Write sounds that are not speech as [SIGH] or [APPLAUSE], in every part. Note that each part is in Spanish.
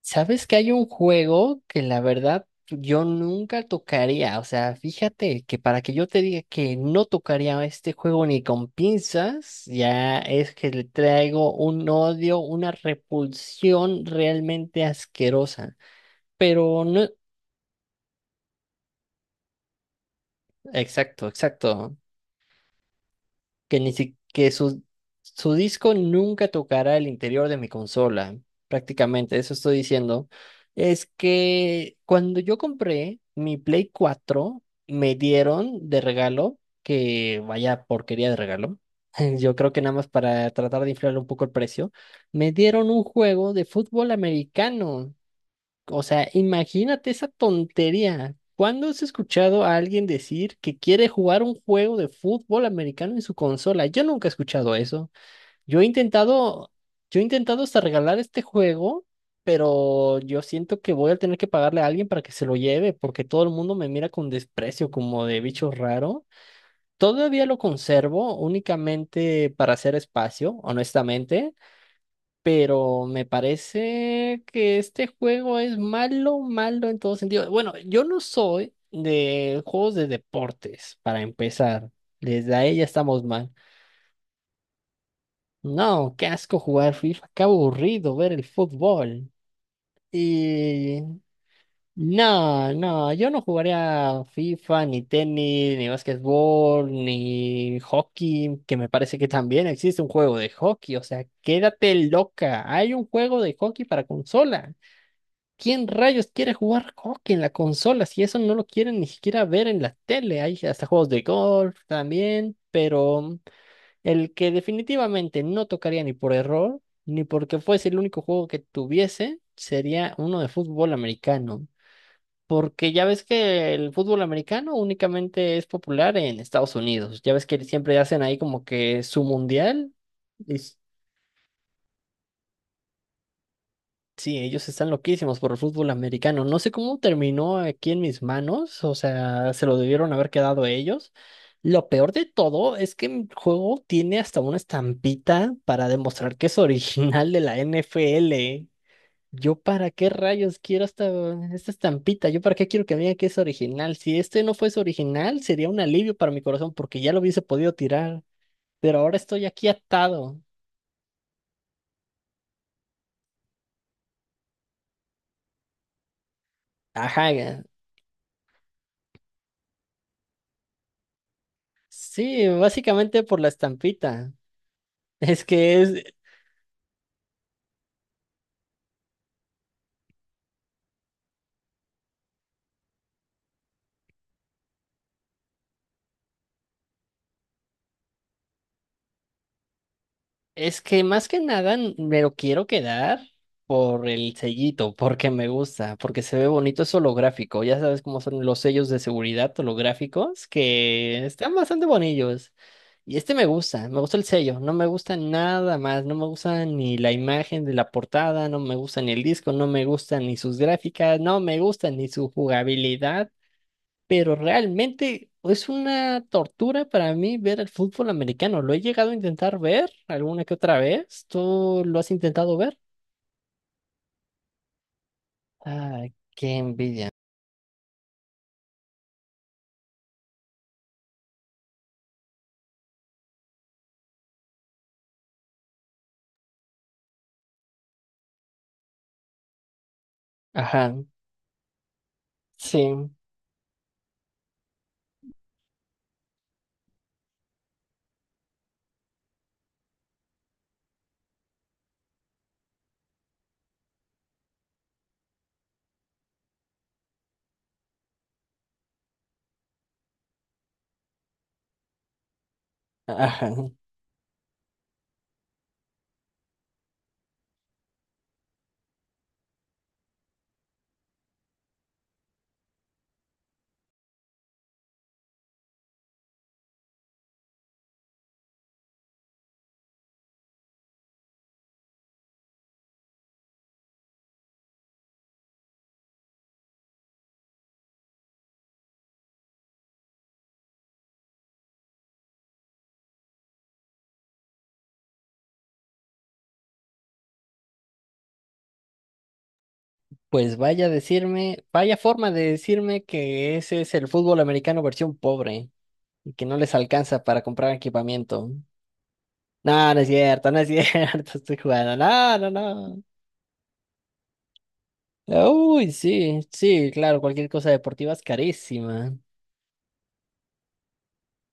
Sabes que hay un juego que la verdad yo nunca tocaría. O sea, fíjate que para que yo te diga que no tocaría este juego ni con pinzas, ya es que le traigo un odio, una repulsión realmente asquerosa. Pero no, exacto, exacto. que ni si- Que su disco nunca tocará el interior de mi consola. Prácticamente, eso estoy diciendo. Es que cuando yo compré mi Play 4 me dieron de regalo, que vaya porquería de regalo. [LAUGHS] Yo creo que nada más para tratar de inflar un poco el precio, me dieron un juego de fútbol americano. O sea, imagínate esa tontería. ¿Cuándo has escuchado a alguien decir que quiere jugar un juego de fútbol americano en su consola? Yo nunca he escuchado eso. Yo he intentado, yo he intentado hasta regalar este juego, pero yo siento que voy a tener que pagarle a alguien para que se lo lleve, porque todo el mundo me mira con desprecio como de bicho raro. Todavía lo conservo únicamente para hacer espacio, honestamente, pero me parece que este juego es malo, malo en todo sentido. Bueno, yo no soy de juegos de deportes, para empezar. Desde ahí ya estamos mal. No, qué asco jugar FIFA, qué aburrido ver el fútbol. Y no, no, yo no jugaría FIFA, ni tenis, ni básquetbol, ni hockey, que me parece que también existe un juego de hockey. O sea, quédate loca, hay un juego de hockey para consola. ¿Quién rayos quiere jugar hockey en la consola si eso no lo quieren ni siquiera ver en la tele? Hay hasta juegos de golf también, pero el que definitivamente no tocaría ni por error, ni porque fuese el único juego que tuviese, sería uno de fútbol americano. Porque ya ves que el fútbol americano únicamente es popular en Estados Unidos. Ya ves que siempre hacen ahí como que su mundial. y Sí, ellos están loquísimos por el fútbol americano. No sé cómo terminó aquí en mis manos, o sea, se lo debieron haber quedado ellos. Lo peor de todo es que el juego tiene hasta una estampita para demostrar que es original de la NFL. Yo para qué rayos quiero esta, esta estampita, yo para qué quiero que me diga que es original. Si este no fuese original, sería un alivio para mi corazón porque ya lo hubiese podido tirar, pero ahora estoy aquí atado. Ajá, sí, básicamente por la estampita. Es que es, es que más que nada me lo quiero quedar por el sellito, porque me gusta, porque se ve bonito, es holográfico. Ya sabes cómo son los sellos de seguridad holográficos, que están bastante bonillos. Y este me gusta el sello, no me gusta nada más, no me gusta ni la imagen de la portada, no me gusta ni el disco, no me gusta ni sus gráficas, no me gusta ni su jugabilidad. Pero realmente es una tortura para mí ver el fútbol americano. Lo he llegado a intentar ver alguna que otra vez. ¿Tú lo has intentado ver? Ay, qué envidia. Ajá, sí, ajá. Pues vaya a decirme, vaya forma de decirme que ese es el fútbol americano versión pobre y que no les alcanza para comprar equipamiento. No, no es cierto, no es cierto, [LAUGHS] estoy jugando. No, no, no. Uy, sí, sí, claro, cualquier cosa deportiva es carísima.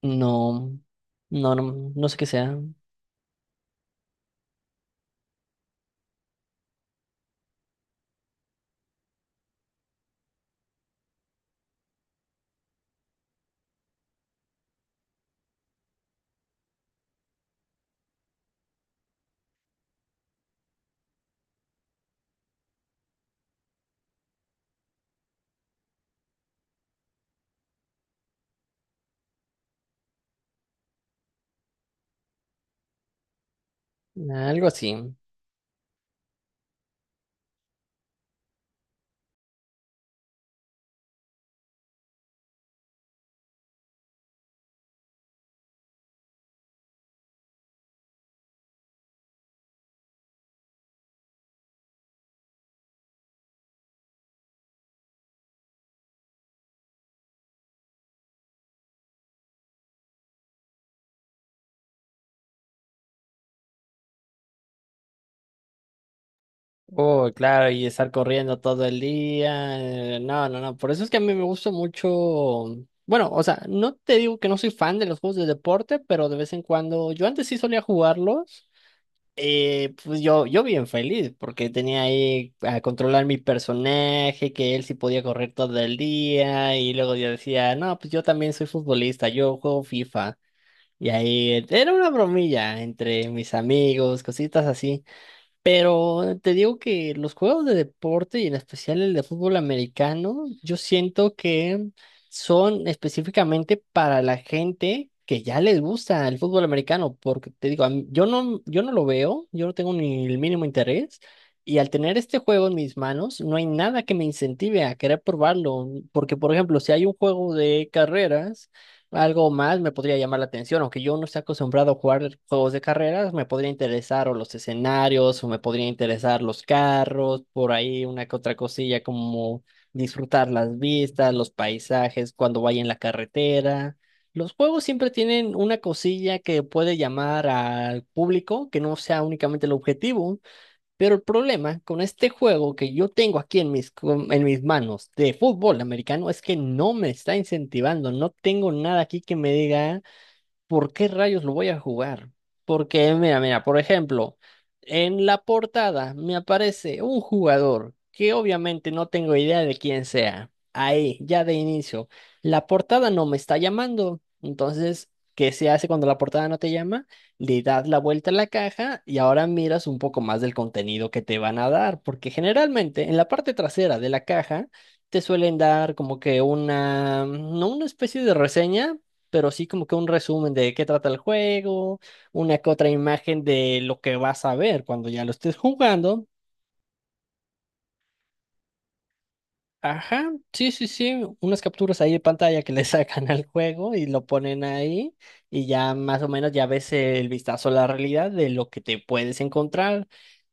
No, no, no, no sé qué sea. Algo así. Oh, claro, y estar corriendo todo el día. No, no, no. Por eso es que a mí me gusta mucho. Bueno, o sea, no te digo que no soy fan de los juegos de deporte, pero de vez en cuando. Yo antes sí solía jugarlos. Pues yo bien feliz, porque tenía ahí a controlar mi personaje, que él sí podía correr todo el día. Y luego yo decía, no, pues yo también soy futbolista, yo juego FIFA. Y ahí era una bromilla entre mis amigos, cositas así. Pero te digo que los juegos de deporte y en especial el de fútbol americano, yo siento que son específicamente para la gente que ya les gusta el fútbol americano, porque te digo, yo no, yo no lo veo, yo no tengo ni el mínimo interés. Y al tener este juego en mis manos, no hay nada que me incentive a querer probarlo, porque por ejemplo, si hay un juego de carreras, algo más me podría llamar la atención, aunque yo no esté acostumbrado a jugar juegos de carreras, me podría interesar o los escenarios, o me podría interesar los carros, por ahí una que otra cosilla como disfrutar las vistas, los paisajes cuando vaya en la carretera. Los juegos siempre tienen una cosilla que puede llamar al público, que no sea únicamente el objetivo. Pero el problema con este juego que yo tengo aquí en en mis manos de fútbol americano es que no me está incentivando, no tengo nada aquí que me diga, ¿por qué rayos lo voy a jugar? Porque, mira, mira, por ejemplo, en la portada me aparece un jugador que obviamente no tengo idea de quién sea. Ahí, ya de inicio, la portada no me está llamando. Entonces, ¿qué se hace cuando la portada no te llama? Le das la vuelta a la caja y ahora miras un poco más del contenido que te van a dar, porque generalmente en la parte trasera de la caja te suelen dar como que una, no una especie de reseña, pero sí como que un resumen de qué trata el juego, una que otra imagen de lo que vas a ver cuando ya lo estés jugando. Ajá, sí, unas capturas ahí de pantalla que le [LAUGHS] sacan al juego y lo ponen ahí y ya más o menos ya ves el vistazo a la realidad de lo que te puedes encontrar.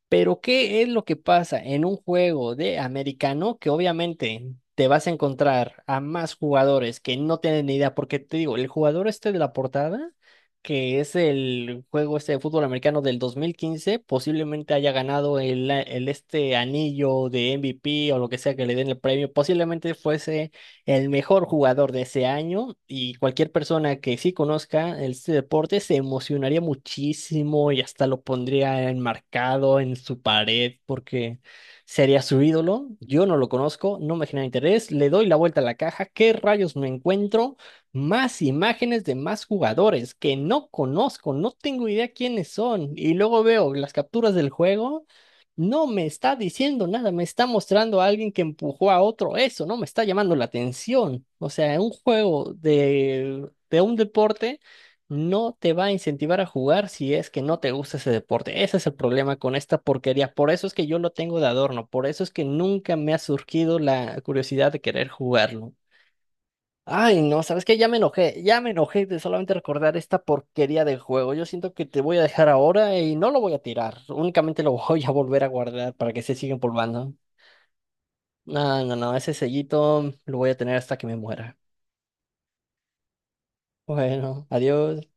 Pero, ¿qué es lo que pasa en un juego de americano? Que obviamente te vas a encontrar a más jugadores que no tienen ni idea, porque te digo, el jugador este de la portada, que es el juego este de fútbol americano del 2015, posiblemente haya ganado el este anillo de MVP o lo que sea que le den el premio, posiblemente fuese el mejor jugador de ese año y cualquier persona que sí conozca este deporte se emocionaría muchísimo y hasta lo pondría enmarcado en su pared porque sería su ídolo. Yo no lo conozco, no me genera interés, le doy la vuelta a la caja, ¿qué rayos me encuentro? Más imágenes de más jugadores que no conozco, no tengo idea quiénes son y luego veo las capturas del juego. No me está diciendo nada, me está mostrando a alguien que empujó a otro, eso no me está llamando la atención. O sea, un juego de un deporte no te va a incentivar a jugar si es que no te gusta ese deporte. Ese es el problema con esta porquería. Por eso es que yo lo tengo de adorno, por eso es que nunca me ha surgido la curiosidad de querer jugarlo. Ay, no, ¿sabes qué? Ya me enojé de solamente recordar esta porquería de juego. Yo siento que te voy a dejar ahora y no lo voy a tirar, únicamente lo [LAUGHS] voy a volver a guardar para que se siga empolvando. No, no, no, ese sellito lo voy a tener hasta que me muera. Bueno, adiós.